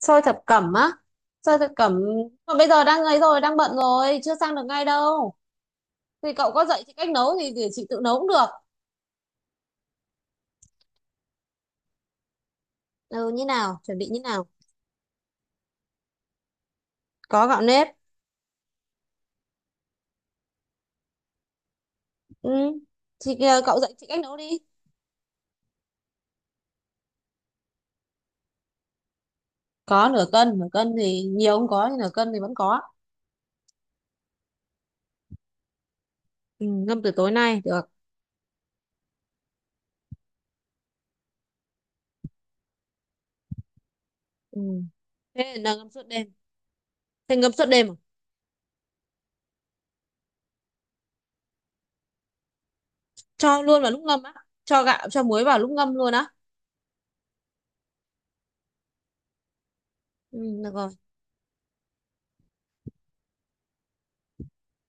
Xôi thập cẩm á? Xôi thập cẩm mà bây giờ đang ấy rồi, đang bận rồi, chưa sang được ngay đâu. Thì cậu có dạy chị cách nấu thì để chị tự nấu cũng được. Ừ, như nào, chuẩn bị như nào? Có gạo nếp. Ừ, thì kìa, cậu dạy chị cách nấu đi. Có. Nửa cân nửa cân thì nhiều không có, nhưng nửa cân thì vẫn có. Ừ, ngâm từ tối nay được. Ừ. Thế là ngâm suốt đêm. Thế ngâm suốt đêm à? Cho luôn vào lúc ngâm á? Cho gạo, cho muối vào lúc ngâm luôn á? Ừ, được rồi.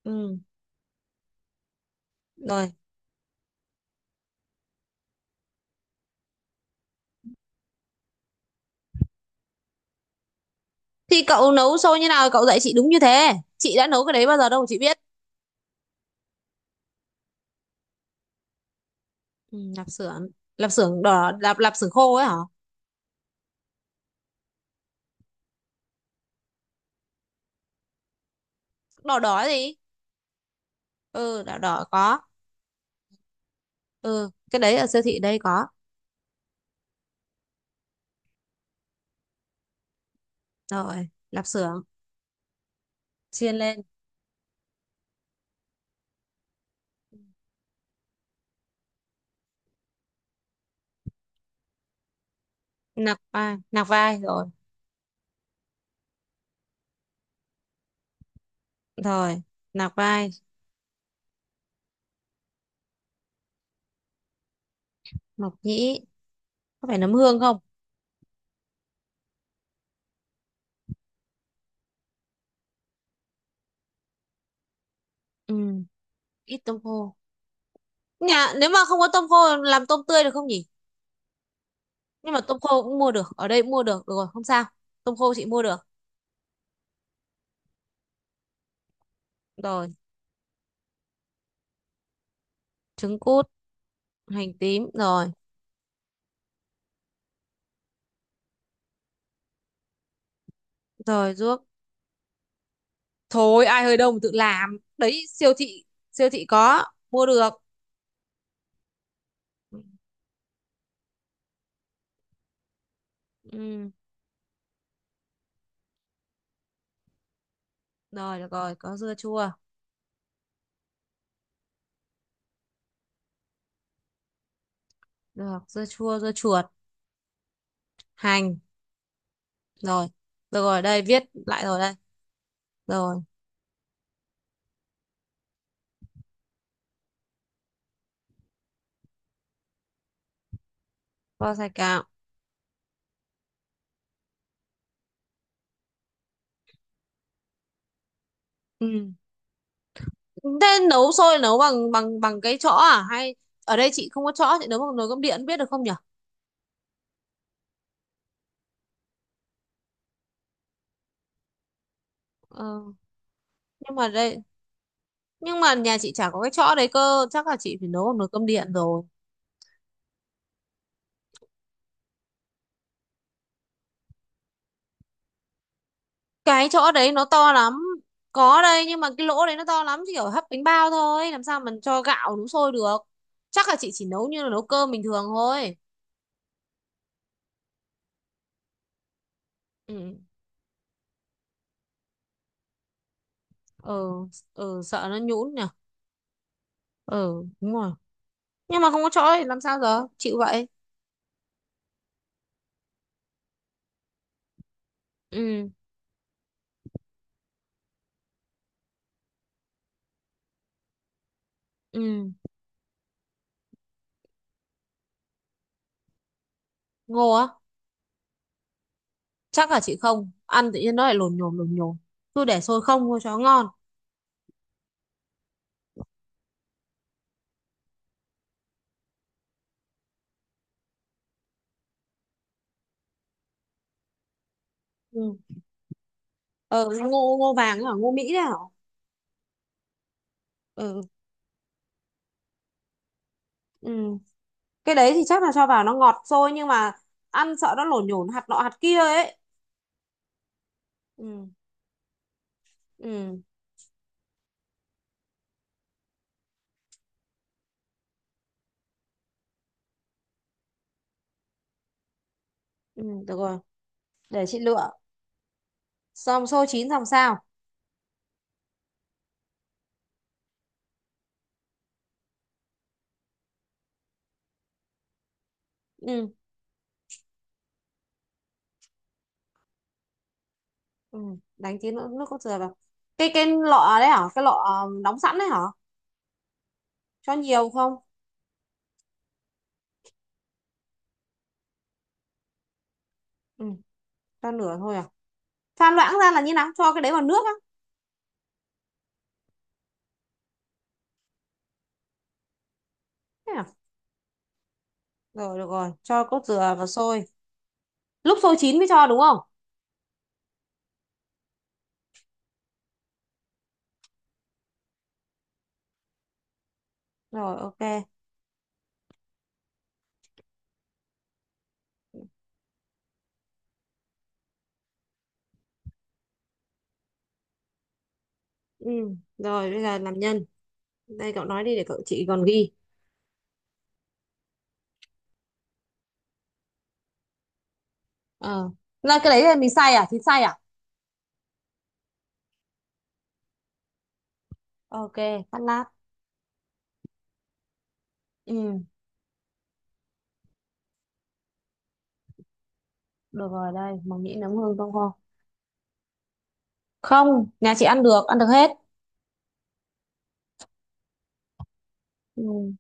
Ừ. Rồi. Thì cậu nấu xôi như nào cậu dạy chị, đúng như thế, chị đã nấu cái đấy bao giờ đâu mà chị biết. Ừ, lạp xưởng. Lạp xưởng đỏ, lạp lạp xưởng khô ấy hả? Đỏ đỏ gì? Ừ, đỏ đỏ có. Ừ, cái đấy ở siêu thị đây có. Rồi, lạp xưởng chiên lên. Nạc vai. Nạc vai rồi. Rồi, nạc vai. Mộc nhĩ. Có phải nấm hương không? Ừ. Ít tôm khô. Nhà nếu mà không có tôm khô, làm tôm tươi được không nhỉ? Nhưng mà tôm khô cũng mua được, ở đây cũng mua được, được rồi không sao. Tôm khô chị mua được. Rồi, trứng cút. Hành tím rồi. Rồi, ruốc. Thôi ai hơi đông tự làm, đấy siêu thị. Siêu thị có. Mua được. Ừ. Rồi, được rồi, có dưa chua. Được, dưa chua, dưa chuột. Hành. Rồi, được rồi, đây viết lại rồi đây. Rồi. Kho sài gạo. Ừ. Thế nấu sôi nấu bằng bằng bằng cái chõ à, hay ở đây chị không có chõ, chị nấu bằng nồi cơm điện biết được không nhỉ? Ờ. Nhưng mà đây, nhưng mà nhà chị chả có cái chõ đấy cơ, chắc là chị phải nấu bằng nồi cơm điện rồi. Cái chỗ đấy nó to lắm. Có đây, nhưng mà cái lỗ đấy nó to lắm, chỉ kiểu hấp bánh bao thôi, làm sao mình cho gạo nấu sôi được. Chắc là chị chỉ nấu như là nấu cơm bình thường thôi. Ừ. ừ, ừ, sợ nó nhũn nhỉ. Ừ, đúng rồi. Nhưng mà không có chỗ thì làm sao giờ, chịu vậy. Ừ. Ừ. Ngô á? Chắc là chị không ăn, tự nhiên nó lại lồn nhồn lồn nhồn. Cứ để sôi không thôi cho nó ngon. Ừ. Ờ, ngô, ngô vàng ấy hả, ngô Mỹ đấy hả? Ừ. Ừ. Cái đấy thì chắc là cho vào nó ngọt thôi, nhưng mà ăn sợ nó lổn nhổn, hạt nọ hạt kia ấy. Ừ. Ừ. Ừ, được rồi, để chị lựa. Xong xôi chín xong sao? Ừ. Ừ, đánh tí nữa nước cốt dừa vào. Cái lọ đấy hả, cái lọ đóng sẵn đấy hả? Cho nhiều không? Ừ, cho nửa thôi à? Pha loãng ra là như nào, cho cái đấy vào nước á? Thế à? Rồi, được rồi, cho cốt dừa vào xôi. Lúc xôi chín mới cho đúng không? Rồi, ok. Ừ. Rồi, bây giờ làm nhân. Đây cậu nói đi để chị còn ghi. Ờ, là cái đấy là mình xay à, thịt xay à? Ok, cắt lát. Ừ, được rồi đây, mỏng nhĩ, nấm hương. Không, không, không, nhà chị ăn được, ăn được hết. Ừ.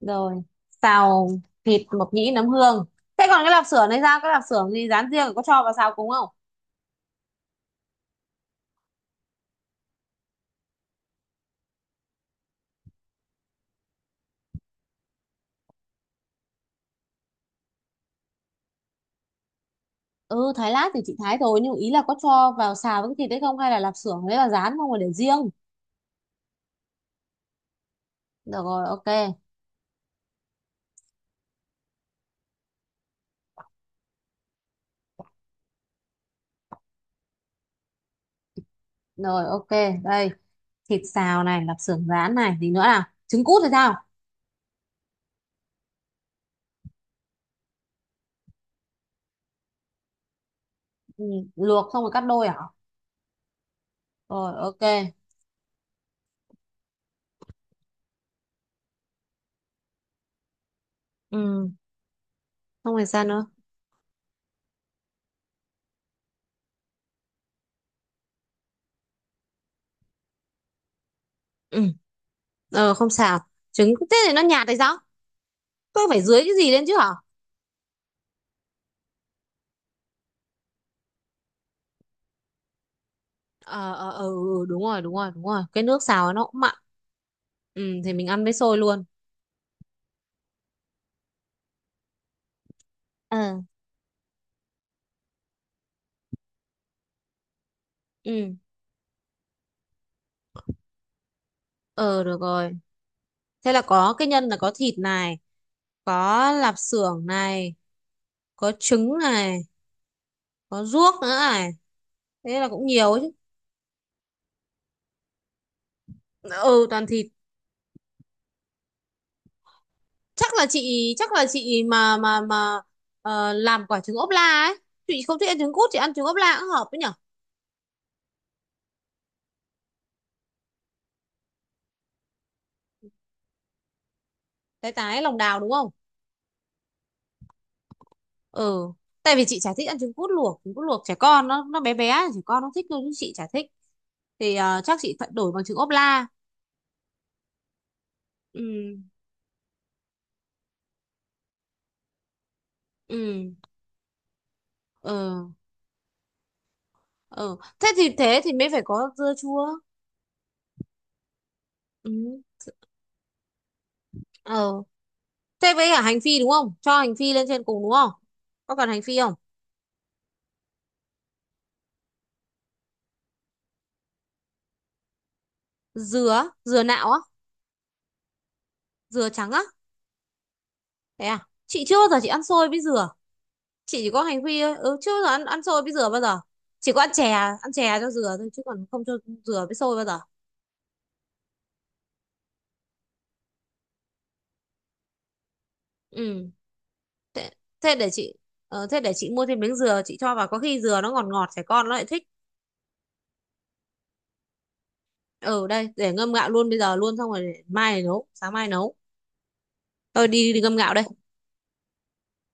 Rồi. Xào thịt, mộc nhĩ, nấm hương. Thế còn cái lạp xưởng này, ra cái lạp xưởng gì rán riêng, có cho vào xào cùng không? Ừ, thái lát thì chị thái rồi, nhưng ý là có cho vào xào với cái thịt đấy không, hay là lạp xưởng đấy là rán không mà để riêng? Được rồi, ok. Rồi, ok. Đây, thịt xào này, lạp xưởng rán này, gì nữa nào, trứng cút thì sao? Ừ, luộc xong rồi cắt đôi à? Rồi, ok. Ừ, không phải sao nữa? Ừ. Ờ, không sao. Trứng thế thì nó nhạt hay sao? Tôi phải dưới cái gì lên chứ hả? Ờ ờ ờ ừ, đúng rồi, đúng rồi, đúng rồi, cái nước xào nó cũng mặn. Ừ, thì mình ăn với xôi luôn. Ờ. Ừ. Ờ, được rồi. Thế là có cái nhân là có thịt này, có lạp xưởng này, có trứng này, có ruốc nữa này. Thế là cũng nhiều ấy chứ. Ừ, toàn thịt. Chắc là chị, chắc là chị mà ờ, làm quả trứng ốp la ấy. Chị không thích ăn trứng cút, chị ăn trứng ốp la cũng hợp ấy nhỉ? Tái tái lòng đào đúng không? Ừ, tại vì chị chả thích ăn trứng cút luộc, trứng cút luộc trẻ con nó bé bé trẻ con nó thích thôi, chứ chị chả thích. Thì ờ, chắc chị phải đổi bằng trứng ốp la. Ừ. ừ ừ ừ, thế thì, thế thì mới phải có dưa chua. Ừ. Ờ, thế với cả hành phi đúng không, cho hành phi lên trên cùng đúng không? Có cần hành phi không? Dừa, dừa nạo á? Dừa trắng á? Thế à? Chị chưa bao giờ chị ăn xôi với dừa. Chị chỉ có hành phi thôi, ừ chứ giờ ăn, ăn xôi với dừa bao giờ. Chỉ có ăn chè, ăn chè cho dừa thôi, chứ còn không cho dừa với xôi bao giờ. Ừ, thế, thế để chị thế để chị mua thêm miếng dừa chị cho vào, có khi dừa nó ngọt ngọt trẻ con nó lại thích. Ừ, đây để ngâm gạo luôn bây giờ luôn, xong rồi để mai nấu, sáng mai nấu. Tôi đi, đi ngâm gạo đây.